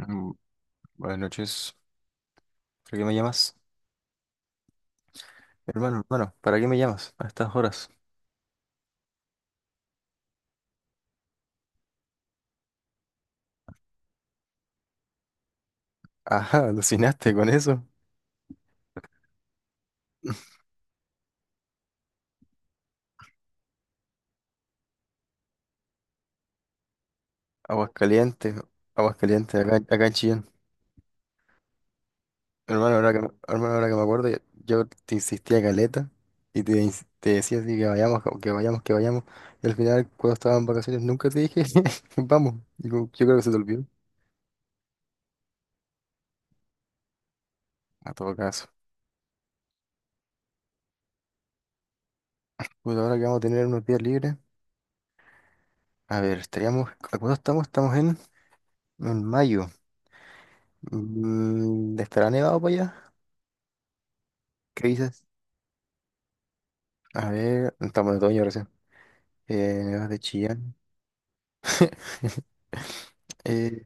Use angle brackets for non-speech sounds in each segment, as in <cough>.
Mm. Buenas noches. ¿Para qué me llamas? Hermano, hermano, ¿para qué me llamas a estas horas? <laughs> Ajá, alucinaste con eso. Aguas calientes, aguas calientes, acá, acá en Chillán. Hermano, hermano, ahora que me acuerdo, yo te insistía caleta y te decía así que vayamos, que vayamos, que vayamos. Y al final, cuando estaba en vacaciones, nunca te dije, <laughs> vamos. Digo, yo creo que se te olvidó. A todo caso. Pues ahora que vamos a tener unos días libres. A ver, estaríamos, ¿a cuándo estamos? Estamos en mayo. ¿Estará nevado para allá? ¿Qué dices? A ver, estamos en otoño recién. Nevadas de Chillán. <laughs> Eh,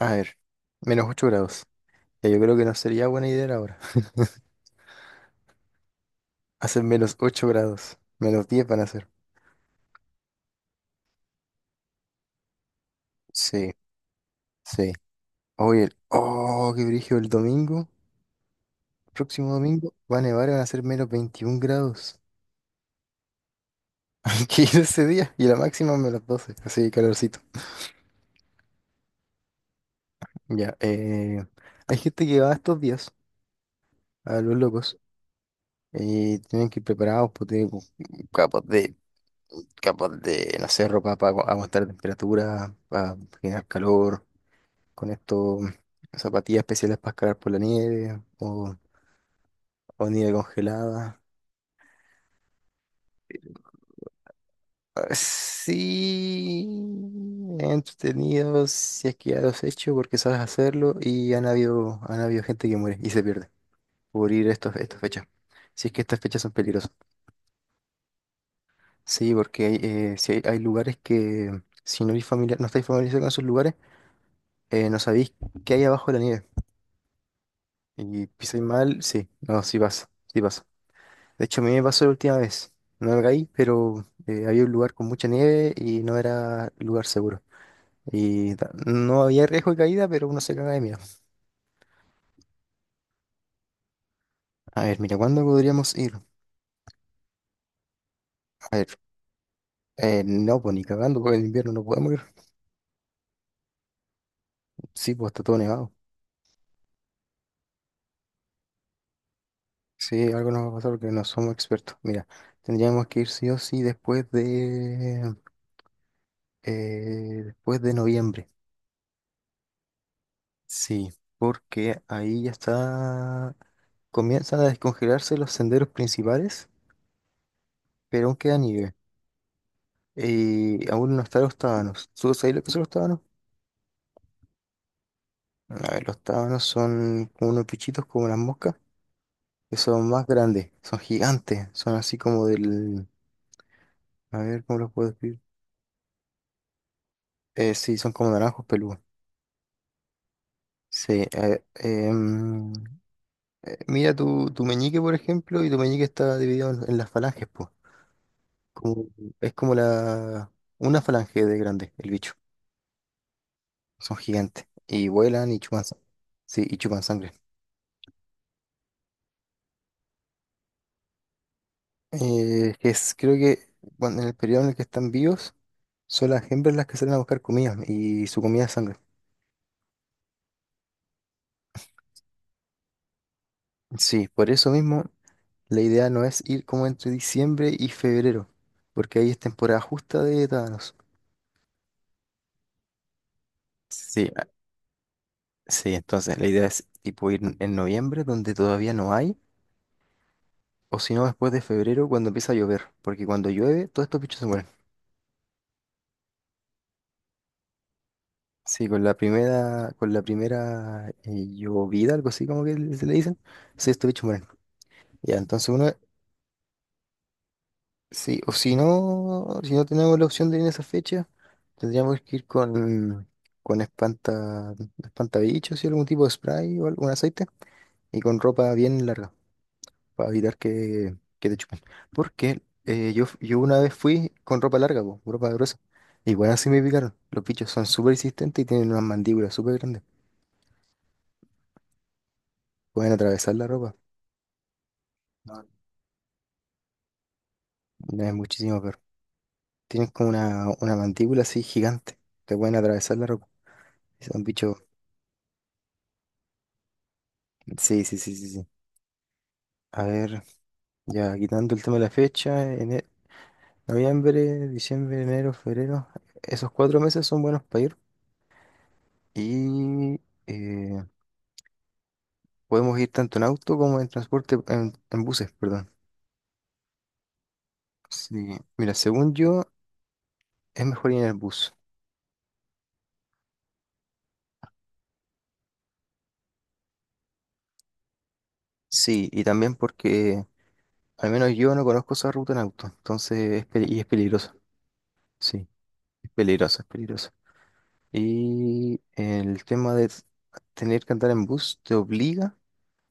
a ver, -8 grados. Ya, yo creo que no sería buena idea ahora. <laughs> Hacen -8 grados. -10 van a hacer. Sí, sí. Oye, oh, qué brillo el domingo. Próximo domingo va a nevar y van a ser -21 grados. <laughs> Hay que ir ese día. Y la máxima -12. Así que calorcito. Ya, hay gente que va estos días a los locos. Y tienen que ir preparados, pues tienen como capas de, capas de, no sé, ropa para aguantar temperatura, para generar calor, con esto, zapatillas especiales para escalar por la nieve o nieve congelada. Ah, sí, entretenido si es que ya lo has hecho porque sabes hacerlo y han habido gente que muere y se pierde por ir a estas fechas. Si es que estas fechas son peligrosas. Sí, porque sí hay lugares que si no estáis familiarizados con esos lugares, no sabéis qué hay abajo de la nieve. Y pisáis mal, sí, no, sí pasa, sí pasa. De hecho, a mí me pasó la última vez. No me caí, pero había un lugar con mucha nieve y no era lugar seguro. Y no había riesgo de caída, pero uno se caga de miedo. A ver, mira, ¿cuándo podríamos ir? A ver, no, pues ni cagando, porque en invierno no podemos ir. Sí, pues está todo nevado. Sí, algo nos va a pasar porque no somos expertos. Mira, tendríamos que ir sí o sí después de noviembre. Sí, porque ahí ya está, comienzan a descongelarse los senderos principales, pero aún queda nieve. Y aún no están los tábanos. ¿Tú sabes lo que son los tábanos? A ver, los tábanos son como unos bichitos como las moscas, que son más grandes, son gigantes, son así como del, a ver, ¿cómo los puedo decir? Sí, son como naranjos peludos. Sí, mira tu meñique, por ejemplo, y tu meñique está dividido en las falanges, pues. Como, es como la, una falange de grande, el bicho. Son gigantes. Y vuelan y chupan, sí, y chupan sangre. Que es, creo que cuando en el periodo en el que están vivos, son las hembras las que salen a buscar comida y su comida es sangre. Sí, por eso mismo la idea no es ir como entre diciembre y febrero, porque ahí es temporada justa de tábanos. Sí, sí, entonces la idea es tipo ir en noviembre donde todavía no hay, o si no después de febrero cuando empieza a llover, porque cuando llueve todos estos bichos se mueren. Sí, con la primera llovida, algo así como que se le dicen, sí, estos bichos mueren. Ya, entonces uno, sí, o si no, si no tenemos la opción de ir en esa fecha, tendríamos que ir con espantabichos y algún tipo de spray o algún aceite, y con ropa bien larga para evitar que te chupen. Porque yo una vez fui con ropa larga, po, ropa gruesa. Igual así me picaron. Los bichos son súper resistentes y tienen unas mandíbulas súper grandes. Pueden atravesar la ropa. No, no es muchísimo peor. Tienen como una mandíbula así gigante. Te pueden atravesar la ropa. Son bichos. Sí, sí, sí, sí, sí. A ver, ya quitando el tema de la fecha, noviembre, diciembre, enero, febrero. Esos 4 meses son buenos para ir. Y eh, podemos ir tanto en auto como en transporte, en buses, perdón. Sí, mira, según yo, es mejor ir en el bus. Sí, y también porque al menos yo no conozco esa ruta en auto, entonces y es peligroso. Sí, es peligroso, es peligroso. Y el tema de tener que andar en bus te obliga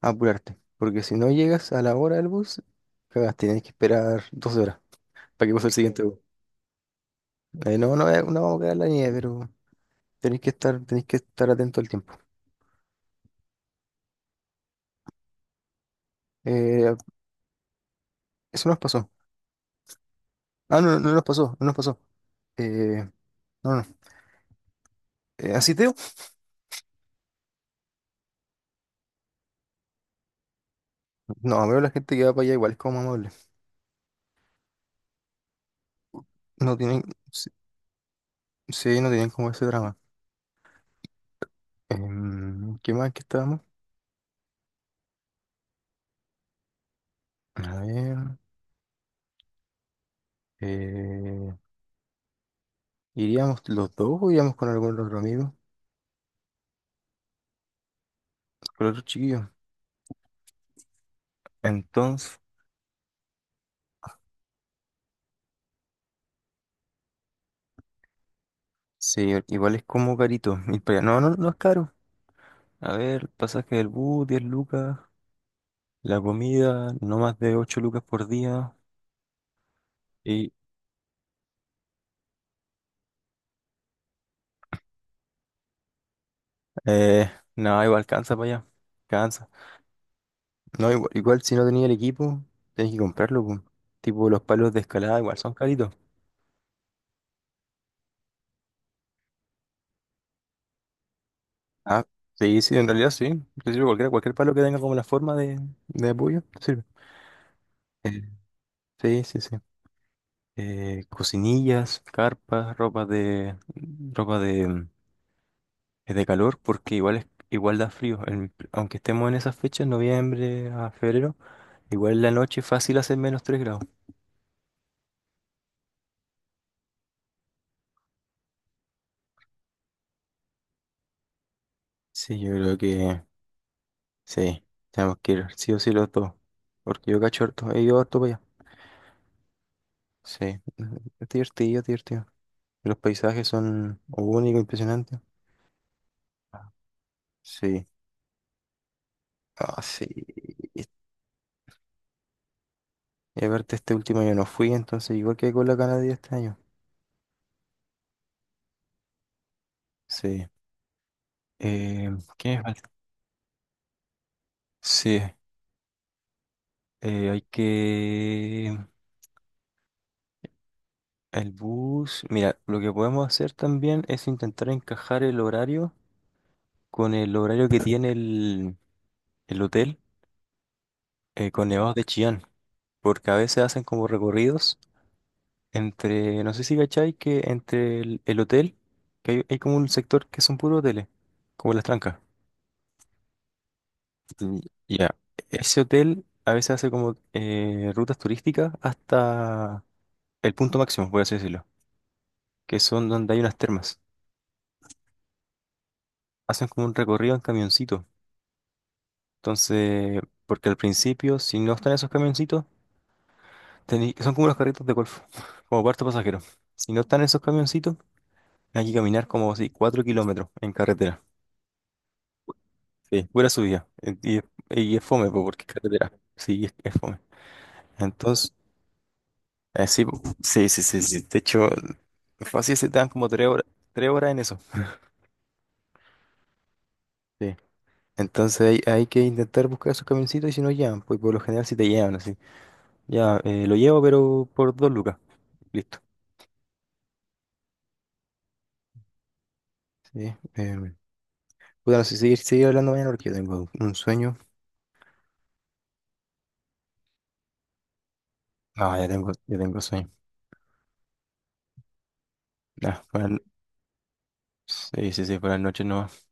a apurarte, porque si no llegas a la hora del bus, cagaste, tienes que esperar 2 horas para que pase el siguiente bus. No, no, no vamos a quedar en la nieve, pero tenéis que estar atento al tiempo. Eh, Eso nos pasó. Ah, no, no nos pasó, no nos pasó. Eh, no, no. ¿Así Teo? No, veo la gente que va para allá igual es como amable. No tienen, sí, sí, no tienen como ese drama. ¿Qué más que estábamos? A ver. eh, ¿Iríamos los dos o iríamos con algún otro amigo? Con otro chiquillo. Entonces, sí, igual es como carito ir para allá. No, no, no es caro. A ver, el pasaje del bus, 10 lucas. La comida, no más de 8 lucas por día. Eh, no, igual cansa para allá. Cansa. No, igual si no tenía el equipo, tenés que comprarlo, po. Tipo, los palos de escalada igual son caritos. Ah, sí, sí, en realidad sí. Te sirve cualquiera, cualquier palo que tenga como la forma de apoyo, te sirve. Eh, sí, sí, sí. Cocinillas, carpas, ropa de calor, porque igual da frío. Aunque estemos en esas fechas, noviembre a febrero, igual en la noche es fácil hacer -3 grados. Sí, yo creo que sí, tenemos que ir sí o sí los dos. Porque yo cacho harto, he ido harto para allá. Sí, es divertido, es divertido. Los paisajes son únicos, impresionantes. Ah, sí, ah, sí. Y aparte este último año no fui, entonces igual que con la Canadá este año. Sí. Eh, ¿Qué me falta? Sí, hay que... El bus... Mira, lo que podemos hacer también es intentar encajar el horario con el horario que tiene el hotel Cornevados de Chillán, porque a veces hacen como recorridos entre, no sé si cachai, que entre el hotel, que hay como un sector que son puros hoteles, como Las Trancas. Mm, ya. Ese hotel a veces hace como rutas turísticas hasta el punto máximo, por así decirlo, que son donde hay unas termas. Hacen como un recorrido en camioncito. Entonces, porque al principio, si no están esos camioncitos, son como los carritos de golf, <laughs> como cuarto pasajero. Si no están esos camioncitos, hay que caminar como así, 4 kilómetros en carretera. Sí, pura subida. Y es fome, po, porque es carretera. Sí, es fome. Entonces, sí, po. Sí, sí, sí, sí. De hecho, fácil se te dan como 3 horas, 3 horas en eso. Sí. Entonces hay que intentar buscar esos camioncitos y si no llegan, pues por lo general si te llevan así. Ya, lo llevo, pero por 2 lucas. Listo. Sí. Puta, no sé, seguir hablando mañana porque yo tengo un sueño. Ah, ya tengo sueño. Ah, buenas no- sí, sí, sí, buenas noches no.